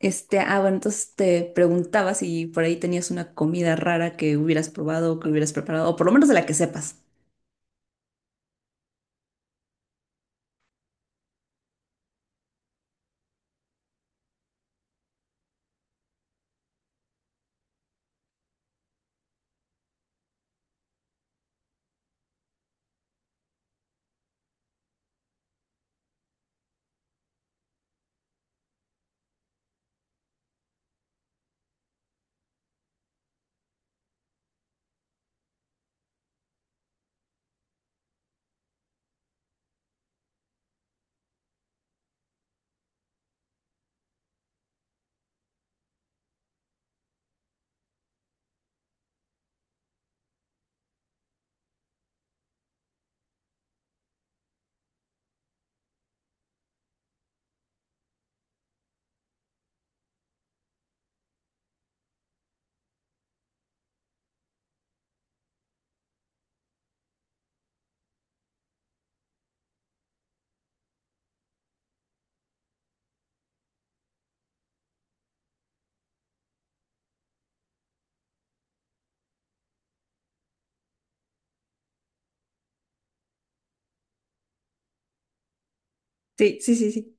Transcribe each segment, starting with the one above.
Bueno, entonces te preguntaba si por ahí tenías una comida rara que hubieras probado o que hubieras preparado, o por lo menos de la que sepas. Sí, sí, sí, sí.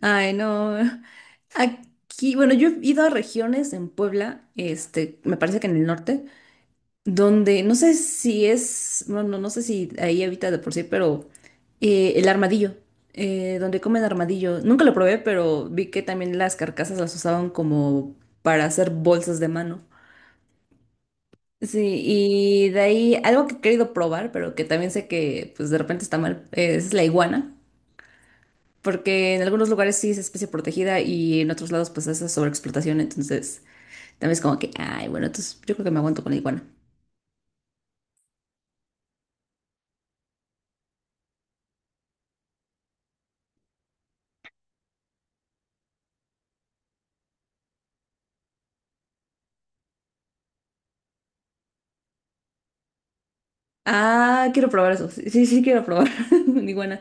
Ay, no. Aquí, bueno, yo he ido a regiones en Puebla, me parece que en el norte, donde no sé si es, bueno, no sé si ahí habita de por sí, pero el armadillo, donde comen armadillo. Nunca lo probé, pero vi que también las carcasas las usaban como para hacer bolsas de mano. Sí, y de ahí algo que he querido probar, pero que también sé que pues de repente está mal, es la iguana, porque en algunos lugares sí es especie protegida y en otros lados pues es sobreexplotación, entonces también es como que, ay, bueno, entonces yo creo que me aguanto con la iguana. Ah, quiero probar eso, sí, sí, sí quiero probar una iguana.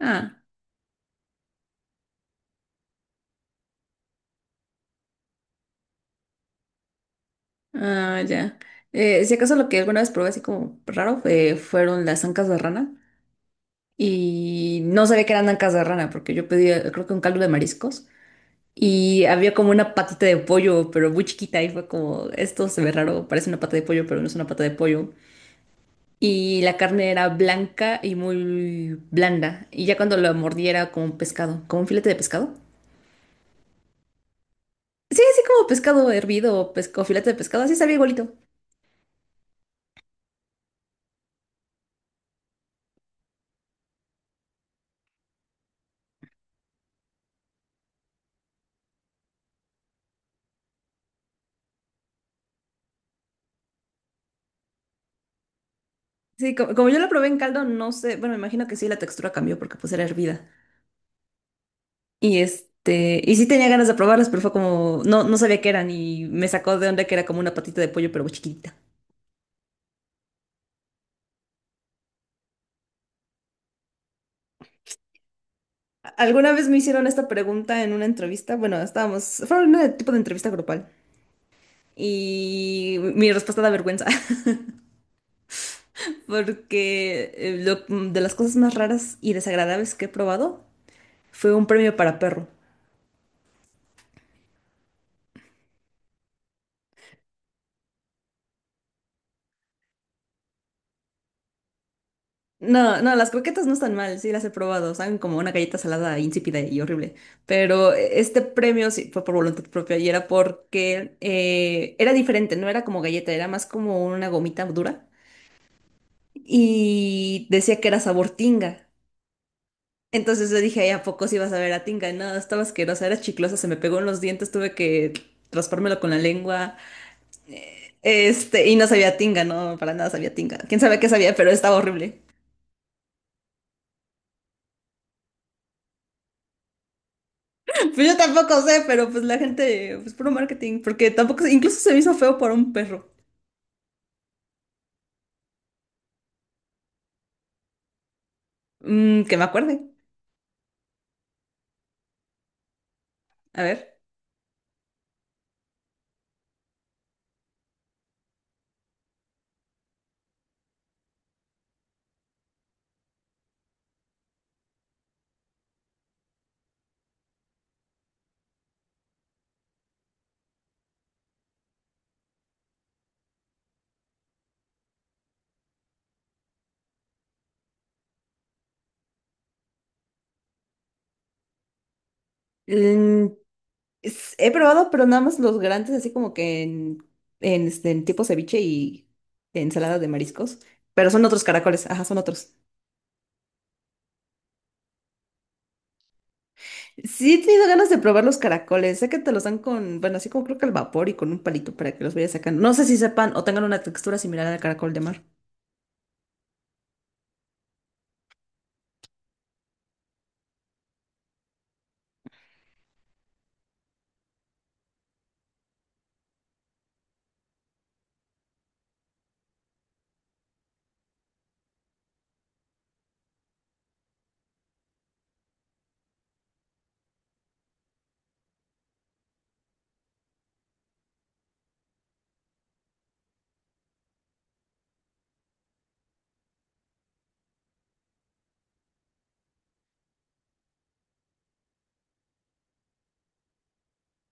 Ah, ya. Si acaso lo que alguna vez probé así como raro fue, fueron las ancas de rana y no sabía que eran ancas de rana porque yo pedía, creo que un caldo de mariscos. Y había como una patita de pollo, pero muy chiquita. Y fue como, esto se ve raro, parece una pata de pollo, pero no es una pata de pollo. Y la carne era blanca y muy blanda. Y ya cuando la mordí era como un pescado, como un filete de pescado. Sí, así como pescado hervido o pesco, filete de pescado, así sabía igualito. Sí, co- como, yo la probé en caldo, no sé, bueno, me imagino que sí, la textura cambió porque pues era hervida. Y sí tenía ganas de probarlas, pero fue como, no, no sabía qué eran y me sacó de onda que era como una patita de pollo, pero muy chiquitita. Alguna vez me hicieron esta pregunta en una entrevista, bueno, estábamos, fue un tipo de entrevista grupal y mi respuesta da vergüenza. Porque lo- de las cosas más raras y desagradables que he probado fue un premio para perro. No, no, las croquetas no están mal, sí las he probado, saben como una galleta salada insípida y horrible, pero este premio sí fue por voluntad propia y era porque era diferente, no era como galleta, era más como una gomita dura y decía que era sabor tinga. Entonces yo dije, "Ay, ¿a poco sí vas a ver a Tinga? No, estaba asquerosa, era chiclosa, se me pegó en los dientes, tuve que raspármelo con la lengua. Y no sabía a Tinga, no, para nada sabía a Tinga. Quién sabe qué sabía, pero estaba horrible. Pues yo tampoco sé, pero pues la gente, pues puro marketing, porque tampoco, incluso se me hizo feo por un perro. Mm, que me acuerde. A ver. Mm, es- he probado, pero nada más los grandes, así como que en, en tipo ceviche y ensalada de mariscos. Pero son otros caracoles, ajá, son otros. Sí, he tenido ganas de probar los caracoles. Sé que te los dan con, bueno, así como creo que al vapor y con un palito para que los vayas sacando. No sé si sepan o tengan una textura similar al caracol de mar.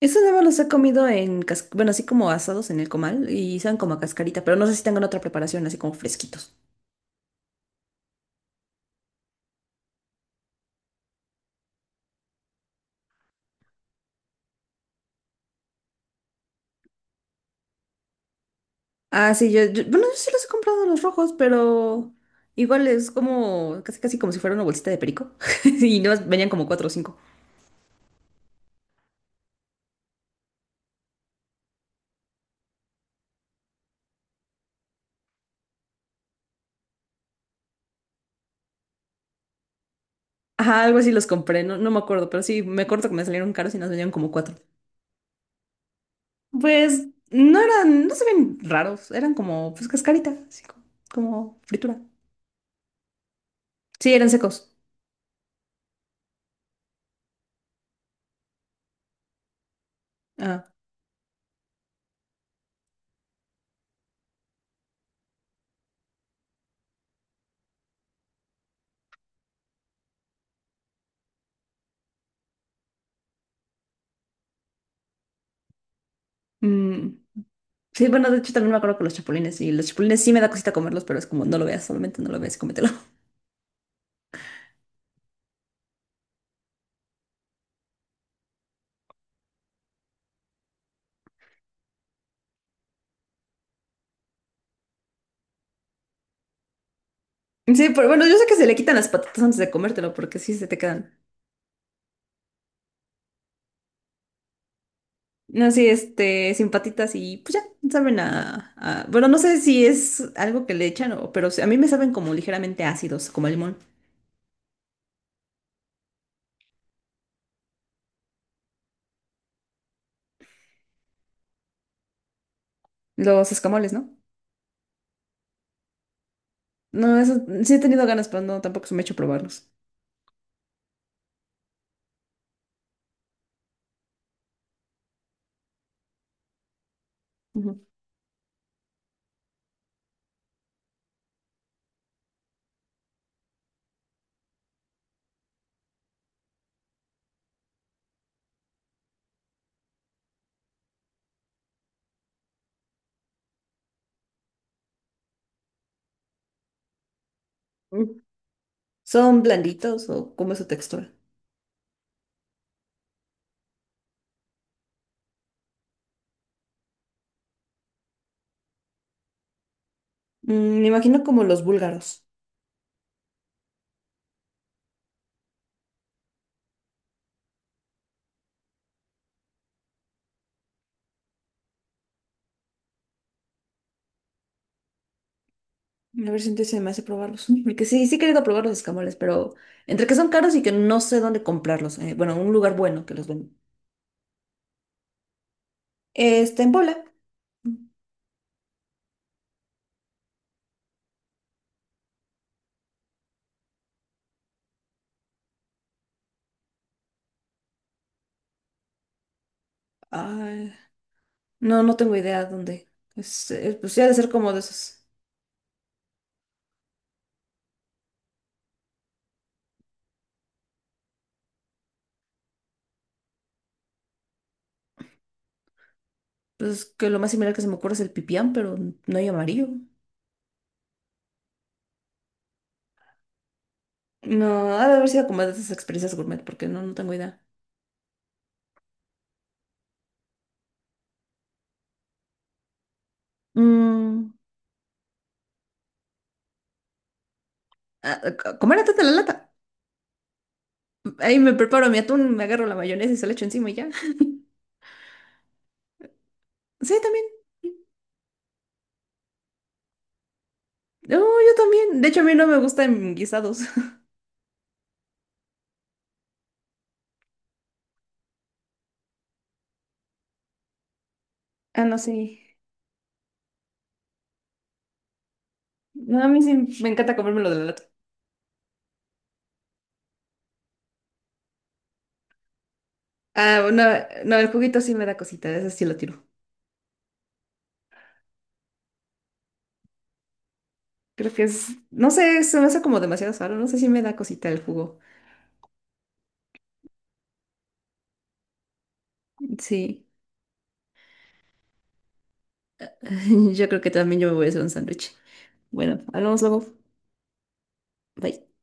Eso nada más los he comido en, cas- bueno, así como asados en el comal y saben como a cascarita, pero no sé si tengan otra preparación, así como fresquitos. Ah, sí, bueno, yo sí los he comprado los rojos, pero igual es como, casi casi como si fuera una bolsita de perico. Y no, venían como cuatro o cinco. Ajá, algo así los compré, no, no me acuerdo, pero sí, me acuerdo que me salieron caros y nos venían como cuatro. Pues no eran, no se ven raros, eran como pues cascarita, así co- como, fritura. Sí, eran secos. Ah, mm, sí, bueno, de hecho también me acuerdo que los chapulines, y los chapulines sí me da cosita comerlos, pero es como no lo veas, solamente no lo veas y cómetelo. Sí, pero bueno, yo sé que se le quitan las patitas antes de comértelo, porque sí se te quedan. No, sí, sin patitas y pues ya, saben a- bueno, no sé si es algo que le echan, o, pero sí, a mí me saben como ligeramente ácidos, como el limón. Los escamoles, ¿no? No, eso sí he tenido ganas, pero no, tampoco se me ha hecho probarlos. Ujú. Mm. ¿Son blanditos o cómo es su textura? Mm, me imagino como los búlgaros. A ver si entonces se me hace probarlos. Mm, porque sí, sí he querido probar los escamoles, pero entre que son caros y que no sé dónde comprarlos. Eh, bueno, un lugar bueno que los venden. En Puebla. Mm. Ay, no, no tengo idea dónde. Es, pues sí ha de ser como de esos. Pues que lo más similar que se me ocurre es el pipián, pero no hay amarillo. No, ha de haber sido como de esas experiencias gourmet, porque no, no tengo idea. Mm, ah, ah, comer atún de la lata. Ahí me preparo mi atún, me agarro la mayonesa y se la echo encima y ya. Sí, también. No, yo también. De hecho, a mí no me gustan guisados. Ah, no, sí. No, a mí sí me encanta comérmelo de la lata. Ah, no, no, el juguito sí me da cosita, ese sí lo tiro. Creo que es, no sé, se me hace como demasiado sano, no sé si me da cosita el jugo. Sí, yo creo que también yo me voy a hacer un sándwich. Bueno, hablamos luego. Bye.